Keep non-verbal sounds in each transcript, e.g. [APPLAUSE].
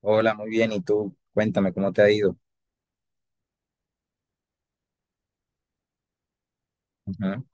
Hola, muy bien. ¿Y tú? Cuéntame cómo te ha ido. Ujú.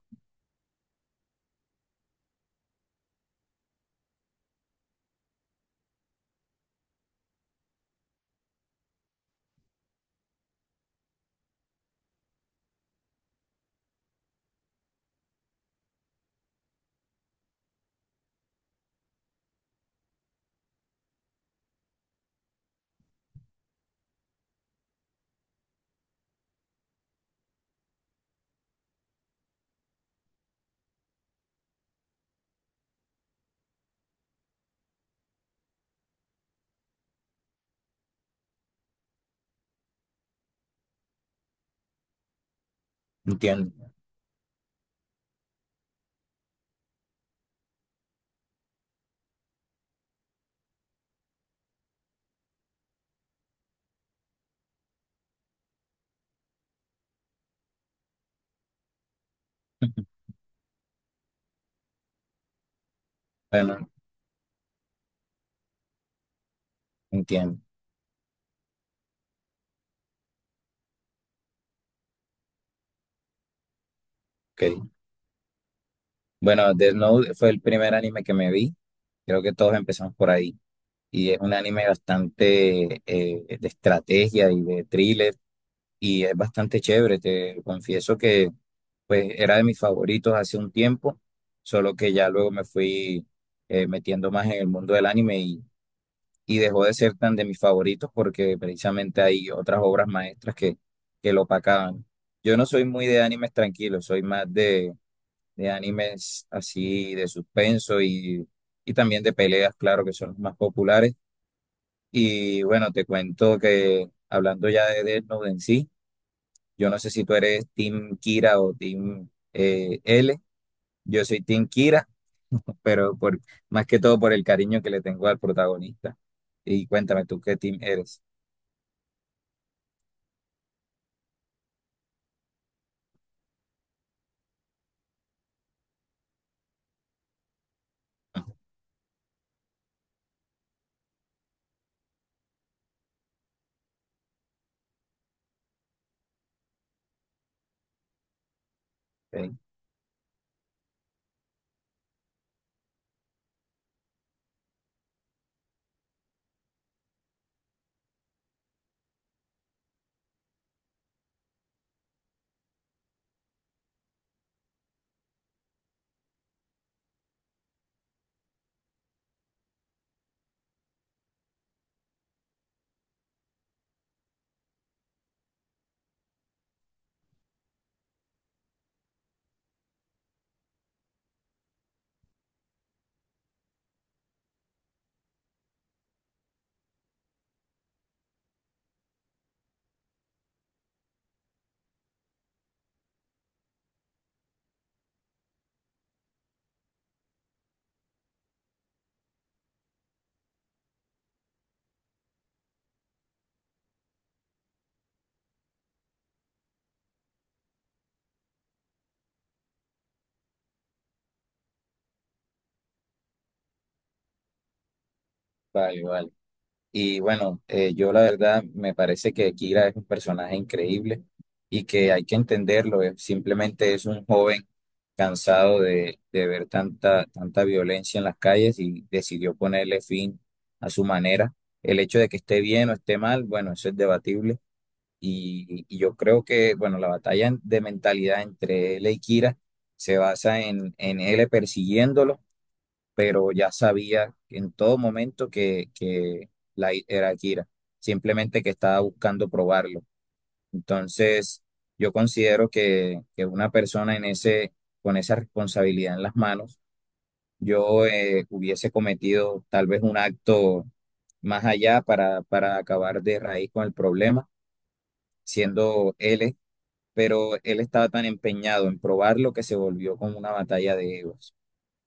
Entiendo. [LAUGHS] Bueno, entiendo. Ok. Bueno, Death Note fue el primer anime que me vi. Creo que todos empezamos por ahí. Y es un anime bastante de estrategia y de thriller. Y es bastante chévere. Te confieso que pues era de mis favoritos hace un tiempo. Solo que ya luego me fui metiendo más en el mundo del anime y dejó de ser tan de mis favoritos porque precisamente hay otras obras maestras que lo opacaban. Yo no soy muy de animes tranquilos, soy más de animes así de suspenso y también de peleas, claro, que son los más populares. Y bueno, te cuento que hablando ya de Death Note en sí, yo no sé si tú eres Team Kira o Team L. Yo soy Team Kira, [LAUGHS] pero por, más que todo por el cariño que le tengo al protagonista. Y cuéntame tú qué team eres. Vale, vale. Y bueno, yo la verdad me parece que Kira es un personaje increíble y que hay que entenderlo. Simplemente es un joven cansado de ver tanta violencia en las calles y decidió ponerle fin a su manera. El hecho de que esté bien o esté mal, bueno, eso es debatible. Y yo creo que, bueno, la batalla de mentalidad entre él y Kira se basa en él persiguiéndolo, pero ya sabía en todo momento que era Akira, simplemente que estaba buscando probarlo. Entonces, yo considero que una persona en ese, con esa responsabilidad en las manos, yo hubiese cometido tal vez un acto más allá para acabar de raíz con el problema, siendo él, pero él estaba tan empeñado en probarlo que se volvió como una batalla de egos.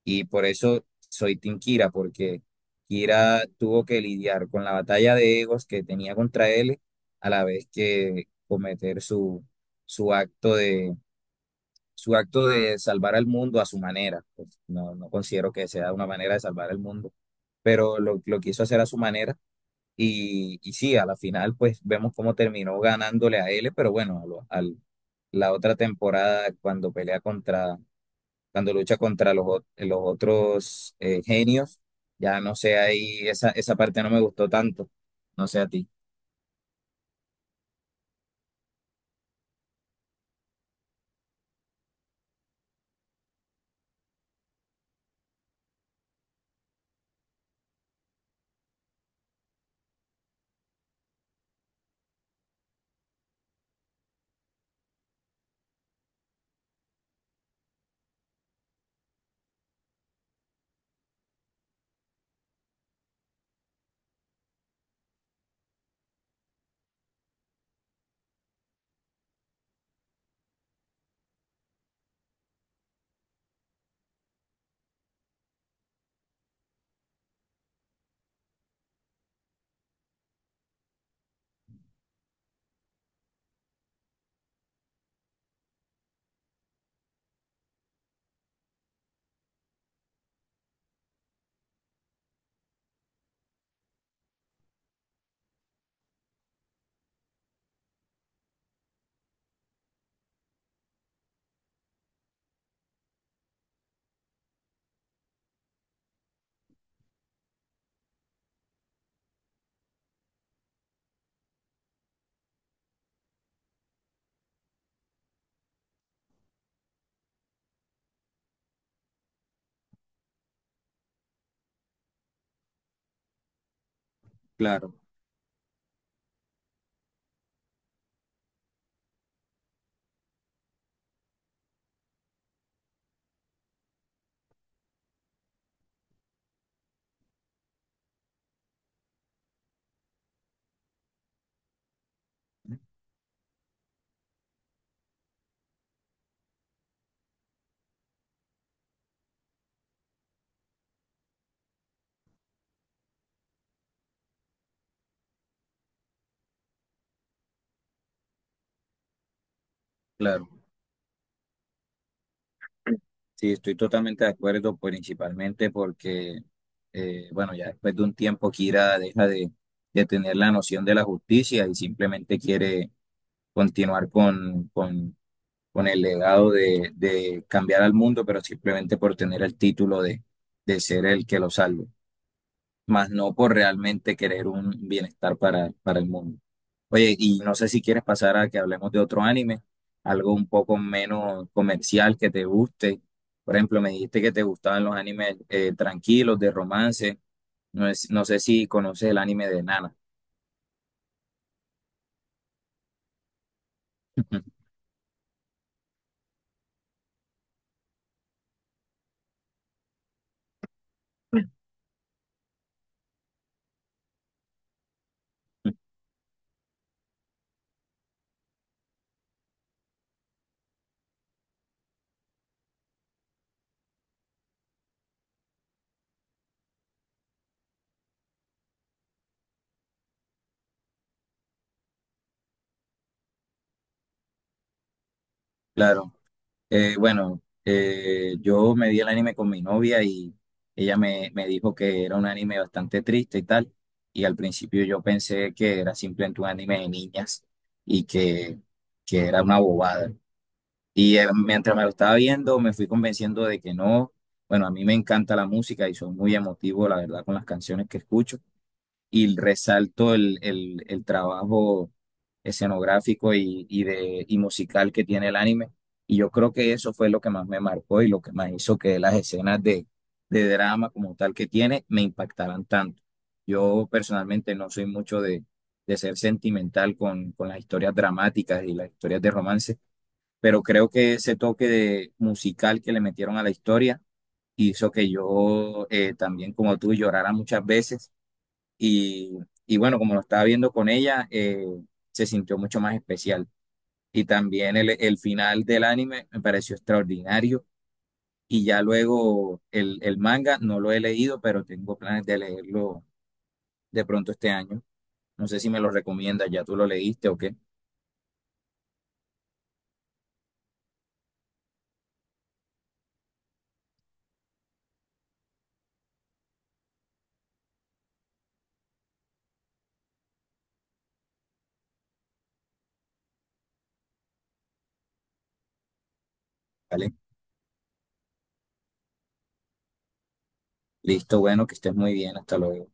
Y por eso soy Team Kira, porque Kira tuvo que lidiar con la batalla de egos que tenía contra él, a la vez que cometer su acto su acto de salvar al mundo a su manera. Pues no, no considero que sea una manera de salvar al mundo, pero lo quiso hacer a su manera. Y sí, a la final, pues vemos cómo terminó ganándole a él, pero bueno, la otra temporada, cuando pelea contra cuando lucha contra los otros genios, ya no sé, ahí esa parte no me gustó tanto, no sé a ti. Claro, claro. Sí, estoy totalmente de acuerdo, principalmente porque bueno, ya después de un tiempo Kira deja de tener la noción de la justicia y simplemente quiere continuar con el legado de cambiar al mundo, pero simplemente por tener el título de ser el que lo salve, más no por realmente querer un bienestar para el mundo. Oye, y no sé si quieres pasar a que hablemos de otro anime, algo un poco menos comercial que te guste. Por ejemplo, me dijiste que te gustaban los animes tranquilos, de romance. No sé si conoces el anime de Nana. [LAUGHS] Claro. Bueno, yo me vi el anime con mi novia y me dijo que era un anime bastante triste y tal. Y al principio yo pensé que era simplemente un anime de niñas y que, que era una bobada. Y mientras me lo estaba viendo, me fui convenciendo de que no. Bueno, a mí me encanta la música y soy muy emotivo, la verdad, con las canciones que escucho y resalto el trabajo escenográfico y musical que tiene el anime. Y yo creo que eso fue lo que más me marcó y lo que más hizo que las escenas de drama como tal que tiene me impactaran tanto. Yo personalmente no soy mucho de ser sentimental con las historias dramáticas y las historias de romance, pero creo que ese toque de musical que le metieron a la historia hizo que yo también como tú llorara muchas veces y, y bueno, como lo estaba viendo con ella, se sintió mucho más especial. Y también el final del anime me pareció extraordinario. Y ya luego el manga no lo he leído, pero tengo planes de leerlo de pronto este año. No sé si me lo recomiendas, ya tú lo leíste o qué. Vale, listo, bueno, que estés muy bien, hasta luego.